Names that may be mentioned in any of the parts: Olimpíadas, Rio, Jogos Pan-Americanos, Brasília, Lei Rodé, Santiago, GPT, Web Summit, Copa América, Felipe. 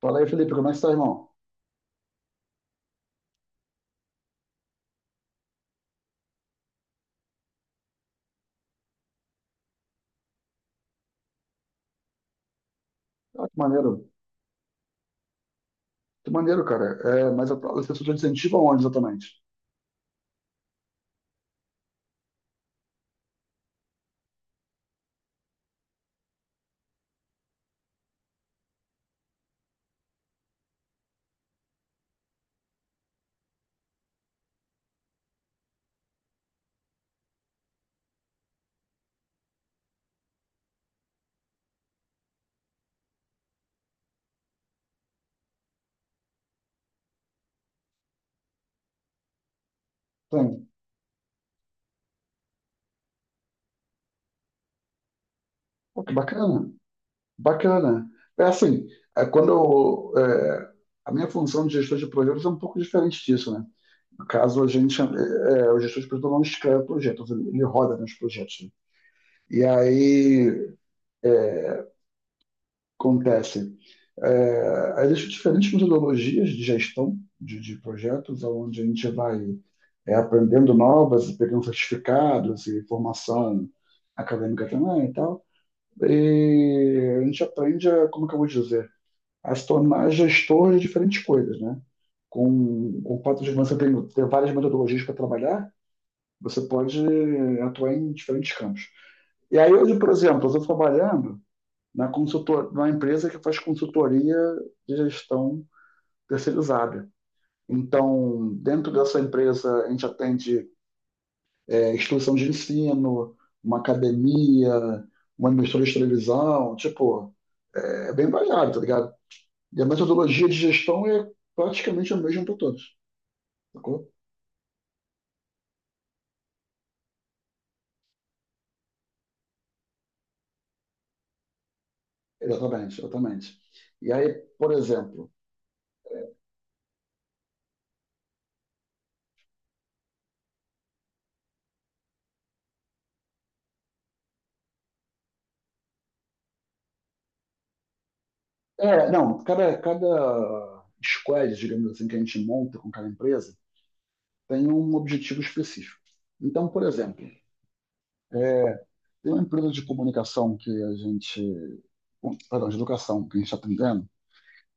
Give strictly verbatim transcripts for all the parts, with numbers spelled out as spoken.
Fala aí, Felipe, como é que tá, irmão? Ah, que maneiro. Que maneiro, cara. É, mas a tua licenciatura de incentivo aonde exatamente? Tem. Pô, que bacana. Bacana. É assim, é, quando eu, é, a minha função de gestor de projetos é um pouco diferente disso, né? No caso, a gente, é, é, o gestor de projetos não escreve projetos, ele, ele roda nos projetos, né? E aí, é, acontecem. É, existem diferentes metodologias de gestão de, de projetos, onde a gente vai é, aprendendo novas, pegando certificados e formação acadêmica também e tal. E a gente aprende, a, como que eu vou dizer, a se tornar gestor de diferentes coisas, né? Com, com o fato de você ter, ter várias metodologias para trabalhar, você pode atuar em diferentes campos. E aí hoje, por exemplo, eu estou trabalhando na consultor, na empresa que faz consultoria de gestão terceirizada. Então, dentro dessa empresa, a gente atende é, instituição de ensino, uma academia, uma emissora de televisão, tipo, é é bem variado, tá ligado? E a metodologia de gestão é praticamente a mesma para todos, sacou? Exatamente, exatamente. E aí, por exemplo, é, não, cada, cada squad, digamos assim, que a gente monta com cada empresa, tem um objetivo específico. Então, por exemplo, é, tem uma empresa de comunicação que a gente, perdão, de educação que a gente está atendendo,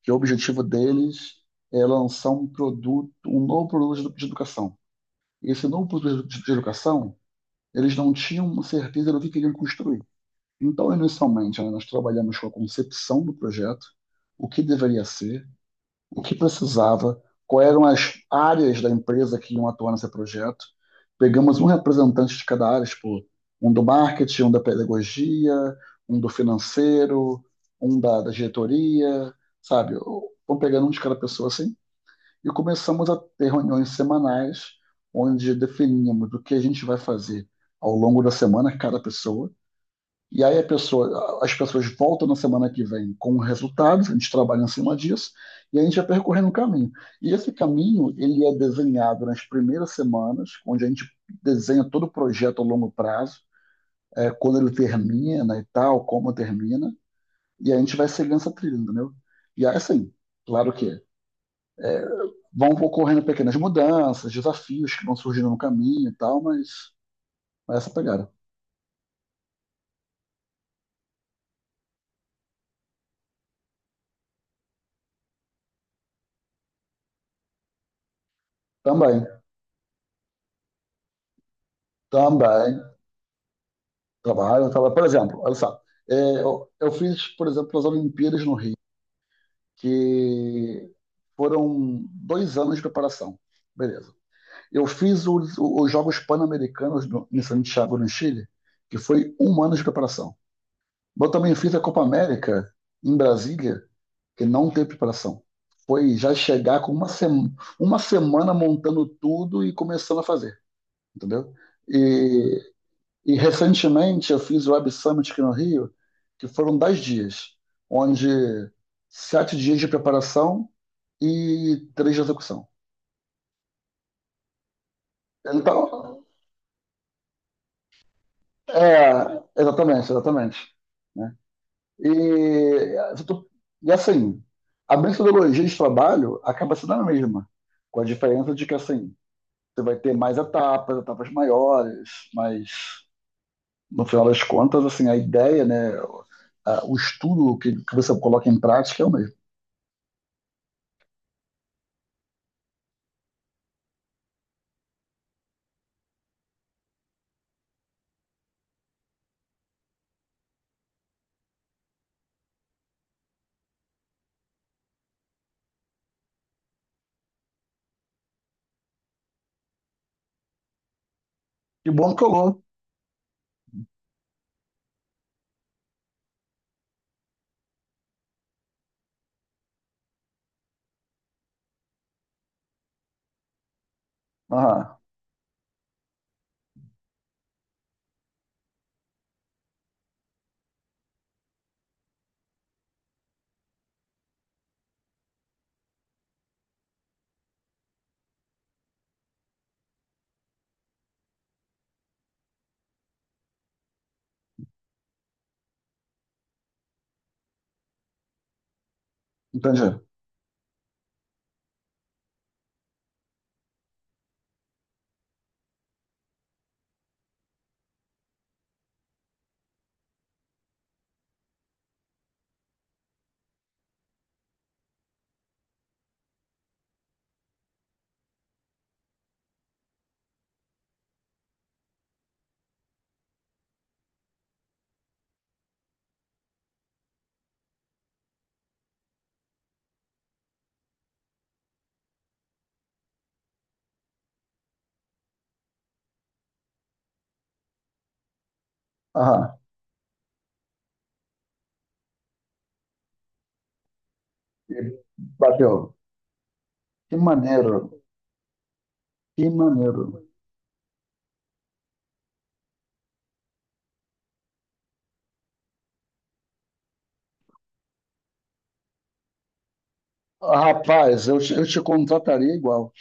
que o objetivo deles é lançar um produto, um novo produto de educação. Esse novo produto de educação, eles não tinham certeza do que queriam construir. Então, inicialmente, né, nós trabalhamos com a concepção do projeto, o que deveria ser, o que precisava, quais eram as áreas da empresa que iam atuar nesse projeto. Pegamos um representante de cada área, tipo, um do marketing, um da pedagogia, um do financeiro, um da, da diretoria, sabe? Vamos pegando um de cada pessoa assim e começamos a ter reuniões semanais onde definíamos o que a gente vai fazer ao longo da semana, cada pessoa, e aí a pessoa, as pessoas voltam na semana que vem com resultados, a gente trabalha em cima disso, e a gente vai percorrendo um caminho. E esse caminho, ele é desenhado nas primeiras semanas, onde a gente desenha todo o projeto a longo prazo, é, quando ele termina e tal, como termina, e a gente vai seguindo essa trilha, entendeu? E aí, assim, claro que vão ocorrendo pequenas mudanças, desafios que vão surgindo no caminho e tal, mas, mas essa pegada. Também, também. Trabalho, trabalho. Por exemplo, olha só, é, eu, eu fiz, por exemplo, as Olimpíadas no Rio, que foram dois anos de preparação. Beleza. Eu fiz os, os Jogos Pan-Americanos no- em Santiago, no Chile, que foi um ano de preparação. Eu também fiz a Copa América em Brasília, que não teve preparação. Foi já chegar com uma, sema- uma semana montando tudo e começando a fazer, entendeu? E recentemente eu fiz o Web Summit aqui no Rio, que foram dez dias, onde sete dias de preparação e três de execução. Então, é, exatamente, exatamente, né? E, e assim, a metodologia de trabalho acaba sendo a mesma, com a diferença de que assim, você vai ter mais etapas, etapas maiores, mas no final das contas, assim, a ideia, né, a- o estudo que, que você coloca em prática é o mesmo. Que bom que colou. Aham, entendi. Aham, e bateu. Que maneiro, que maneiro. Rapaz, eu te, eu te contrataria igual.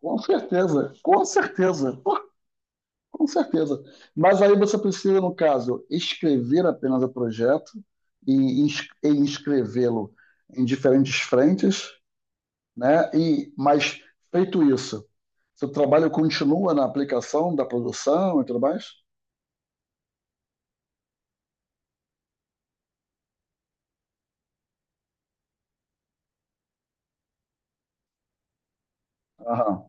Com certeza, com certeza, com certeza. Mas aí você precisa, no caso, escrever apenas o projeto e, ins- e inscrevê-lo em diferentes frentes, né? E, mas feito isso, seu trabalho continua na aplicação da produção e tudo mais? Aham.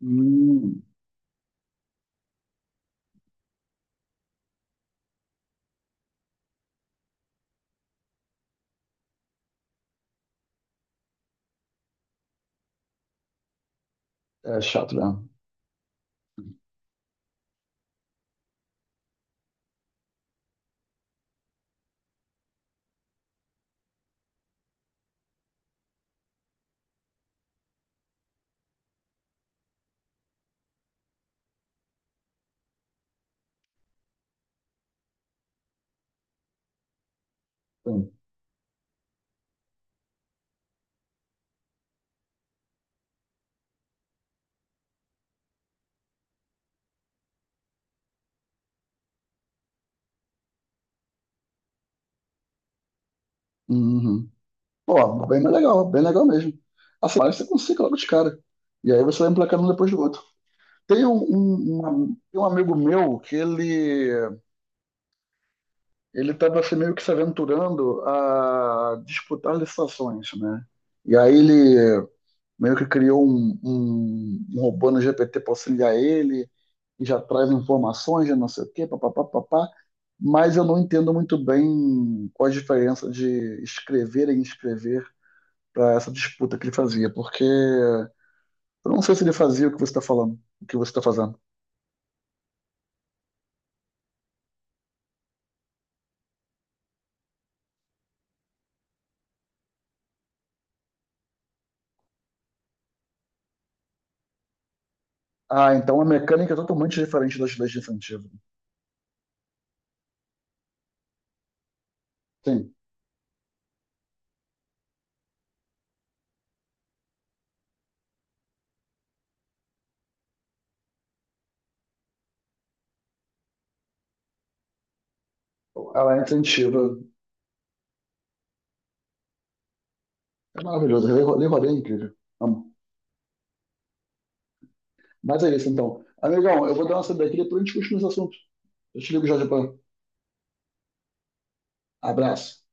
Hum, é chato, né? Sim. Uhum. Pô, bem legal, bem legal mesmo. Assim, parece que você consegue logo de cara. E aí você vai emplacando um depois do outro. Tem um, um- um- tem um amigo meu que ele ele estava assim, meio que se aventurando a disputar licitações, né? E aí ele meio que criou um, um, um robô no G P T para auxiliar ele, e já traz informações, já não sei o quê, papapá, papá. Mas eu não entendo muito bem qual a diferença de escrever e inscrever para essa disputa que ele fazia, porque eu não sei se ele fazia o que você está falando, o que você está fazendo. Ah, então a mecânica é totalmente diferente das leis de incentivo. Sim, ela é incentiva. É maravilhoso, Lei Rodé é incrível. Amo. Mas é isso, então. Amigão, eu vou dar uma saída aqui, depois a gente continua esse assunto. Eu te ligo já, Japão. Abraço.